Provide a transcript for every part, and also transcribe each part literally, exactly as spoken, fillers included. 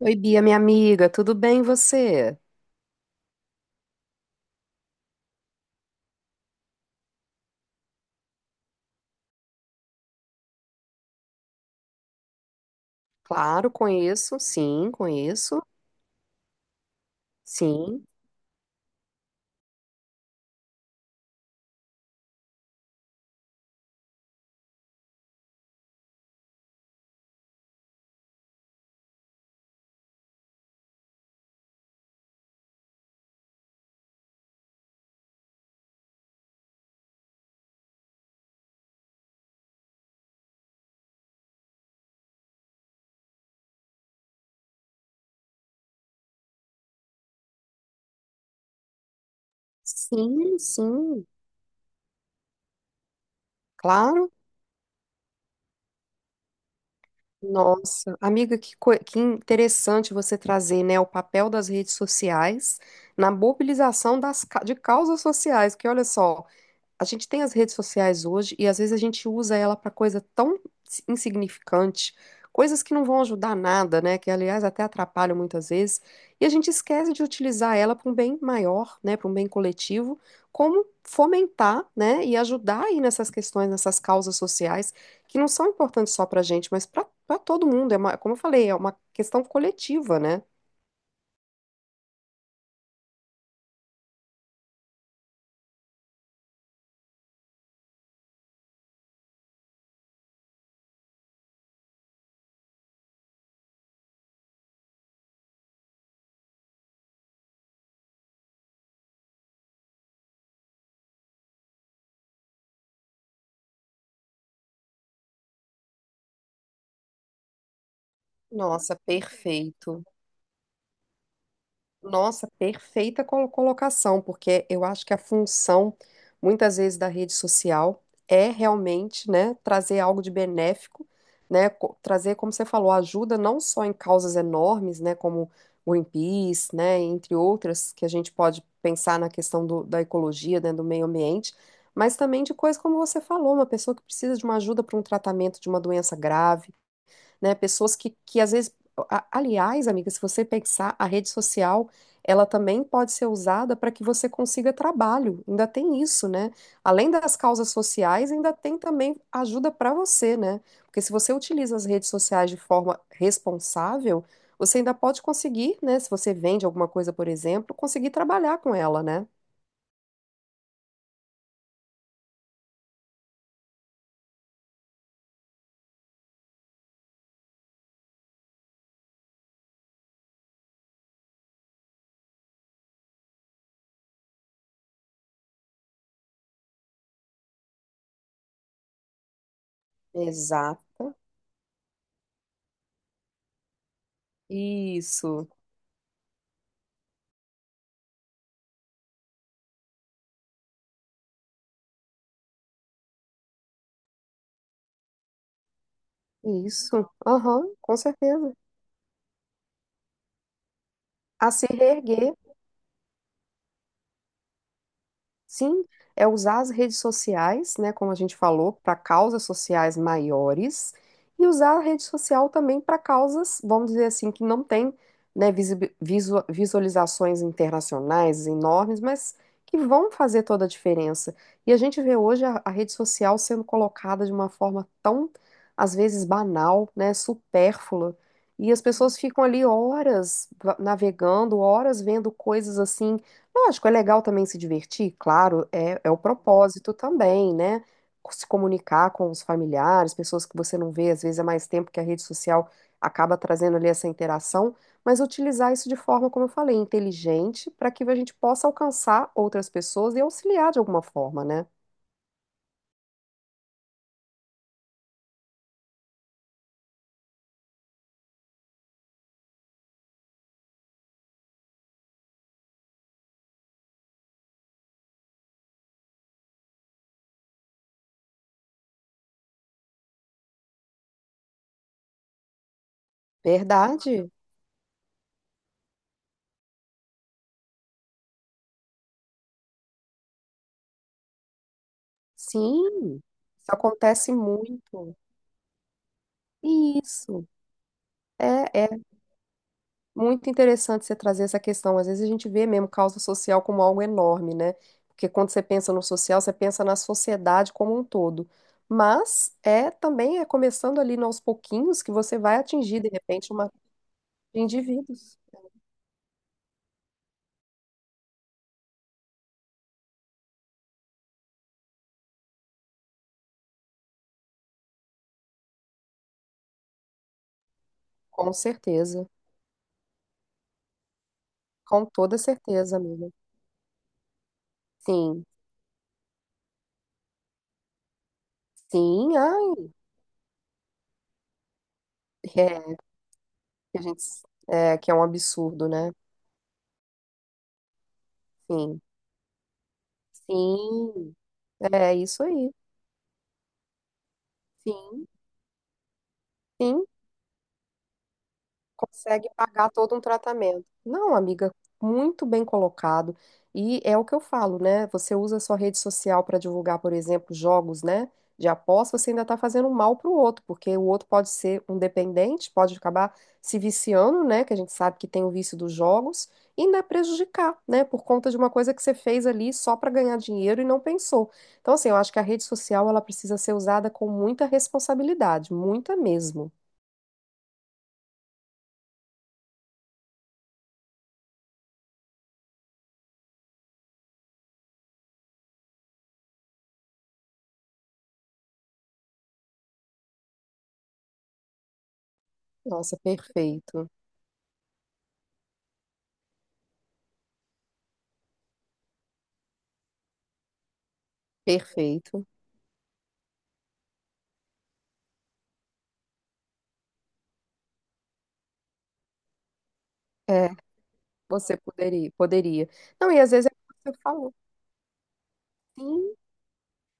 Oi, Bia, minha amiga, tudo bem e você? Claro, conheço, sim, conheço, sim, sim, sim, claro. Nossa, amiga, que, co- que interessante você trazer, né, o papel das redes sociais na mobilização das, ca- de causas sociais, que olha só. A gente tem as redes sociais hoje e às vezes a gente usa ela para coisa tão si, insignificante, coisas que não vão ajudar nada, né? Que aliás até atrapalham muitas vezes, e a gente esquece de utilizar ela para um bem maior, né? Para um bem coletivo, como fomentar, né? E ajudar aí nessas questões, nessas causas sociais que não são importantes só para a gente, mas para para todo mundo. É uma, como eu falei, é uma questão coletiva, né? Nossa, perfeito. Nossa, perfeita colo- colocação, porque eu acho que a função, muitas vezes, da rede social é realmente, né, trazer algo de benéfico, né, co- trazer, como você falou, ajuda não só em causas enormes, né, como Greenpeace, né, entre outras, que a gente pode pensar na questão do- da ecologia, né, do meio ambiente, mas também de coisas como você falou, uma pessoa que precisa de uma ajuda para um tratamento de uma doença grave, né? Pessoas que, que às vezes, a- aliás, amiga, se você pensar, a rede social, ela também pode ser usada para que você consiga trabalho. Ainda tem isso, né? Além das causas sociais, ainda tem também ajuda para você, né? Porque se você utiliza as redes sociais de forma responsável, você ainda pode conseguir, né? Se você vende alguma coisa, por exemplo, conseguir trabalhar com ela, né? Exato. Isso, isso, aham, com certeza. A se reerguer. Sim, é usar as redes sociais, né, como a gente falou, para causas sociais maiores e usar a rede social também para causas, vamos dizer assim, que não tem, né, visi- visu- visualizações internacionais enormes, mas que vão fazer toda a diferença. E a gente vê hoje a, a rede social sendo colocada de uma forma tão, às vezes, banal, né, supérflua, e as pessoas ficam ali horas va- navegando, horas vendo coisas assim. Lógico, é legal também se divertir, claro, é, é o propósito também, né? Se comunicar com os familiares, pessoas que você não vê, às vezes é mais tempo que a rede social acaba trazendo ali essa interação, mas utilizar isso de forma, como eu falei, inteligente, para que a gente possa alcançar outras pessoas e auxiliar de alguma forma, né? Verdade? Sim, isso acontece muito. Isso. É. é Muito interessante você trazer essa questão. Às vezes a gente vê mesmo causa social como algo enorme, né? Porque quando você pensa no social, você pensa na sociedade como um todo. Mas é também é começando ali aos pouquinhos que você vai atingir, de repente, uma de indivíduos. Com certeza. Com toda certeza, amiga. Sim. Sim, ai, é, que a gente, é, que é um absurdo, né? Sim. Sim. É isso aí. Sim. Sim. Consegue pagar todo um tratamento. Não, amiga, muito bem colocado. E é o que eu falo, né? Você usa a sua rede social para divulgar, por exemplo, jogos, né? De aposta, você ainda está fazendo um mal para o outro, porque o outro pode ser um dependente, pode acabar se viciando, né? Que a gente sabe que tem o vício dos jogos, e ainda prejudicar, né? Por conta de uma coisa que você fez ali só para ganhar dinheiro e não pensou. Então, assim, eu acho que a rede social ela precisa ser usada com muita responsabilidade, muita mesmo. Nossa, perfeito. Perfeito. É, você poderia, poderia. Não, e às vezes é o que você falou. Sim,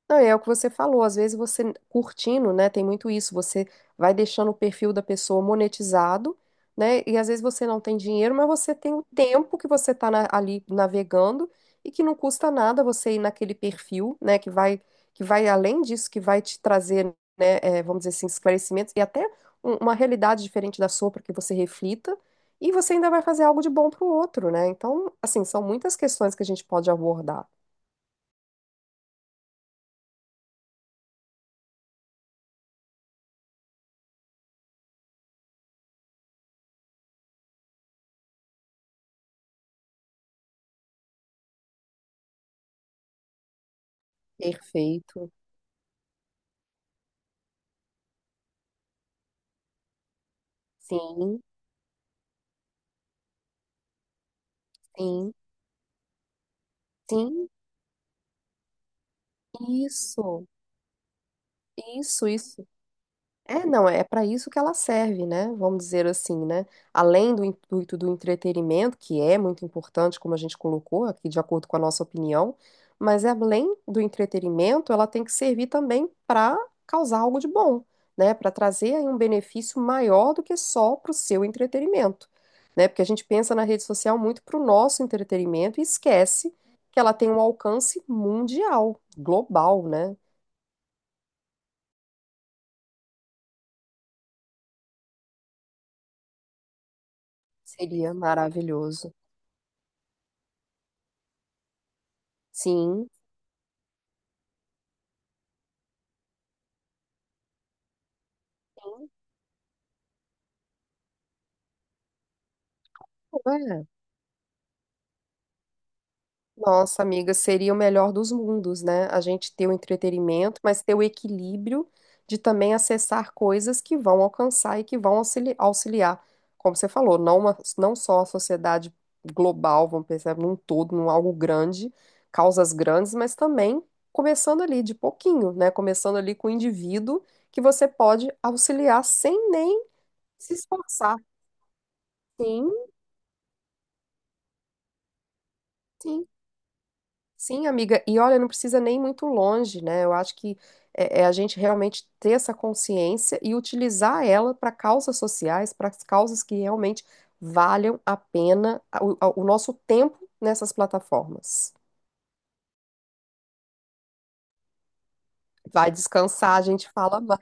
não, e é o que você falou, às vezes você curtindo, né, tem muito isso, você vai deixando o perfil da pessoa monetizado, né, e às vezes você não tem dinheiro, mas você tem o tempo que você tá na- ali navegando e que não custa nada você ir naquele perfil, né, que vai, que vai além disso, que vai te trazer, né, é, vamos dizer assim, esclarecimentos e até um- uma realidade diferente da sua para que você reflita e você ainda vai fazer algo de bom para o outro, né, então, assim, são muitas questões que a gente pode abordar. Perfeito. Sim, sim, sim. Isso, isso, isso. É, não, é para isso que ela serve, né? Vamos dizer assim, né? Além do intuito do entretenimento, que é muito importante, como a gente colocou aqui, de acordo com a nossa opinião, mas além do entretenimento, ela tem que servir também para causar algo de bom, né? Para trazer aí um benefício maior do que só para o seu entretenimento, né? Porque a gente pensa na rede social muito para o nosso entretenimento e esquece que ela tem um alcance mundial, global, né? Seria maravilhoso. Sim. É. Nossa, amiga, seria o melhor dos mundos, né? A gente ter o entretenimento, mas ter o equilíbrio de também acessar coisas que vão alcançar e que vão auxili- auxiliar, como você falou, não, uma- não só a sociedade global, vamos pensar num todo, num algo grande, causas grandes, mas também começando ali de pouquinho, né? Começando ali com o indivíduo que você pode auxiliar sem nem se esforçar. Sim, sim. Sim, amiga, e olha, não precisa nem muito longe, né? Eu acho que é, é a gente realmente ter essa consciência e utilizar ela para causas sociais, para causas que realmente valham a pena o, o nosso tempo nessas plataformas. Vai descansar, a gente fala, ma-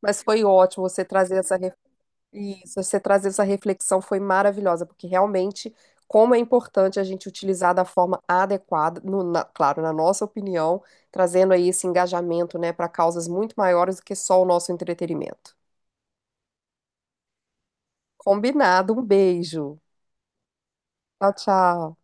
mas foi ótimo você trazer essa. Isso, você trazer essa reflexão foi maravilhosa, porque realmente como é importante a gente utilizar da forma adequada, no- na- claro, na nossa opinião, trazendo aí esse engajamento, né, para causas muito maiores do que só o nosso entretenimento. Combinado, um beijo. Tchau, tchau.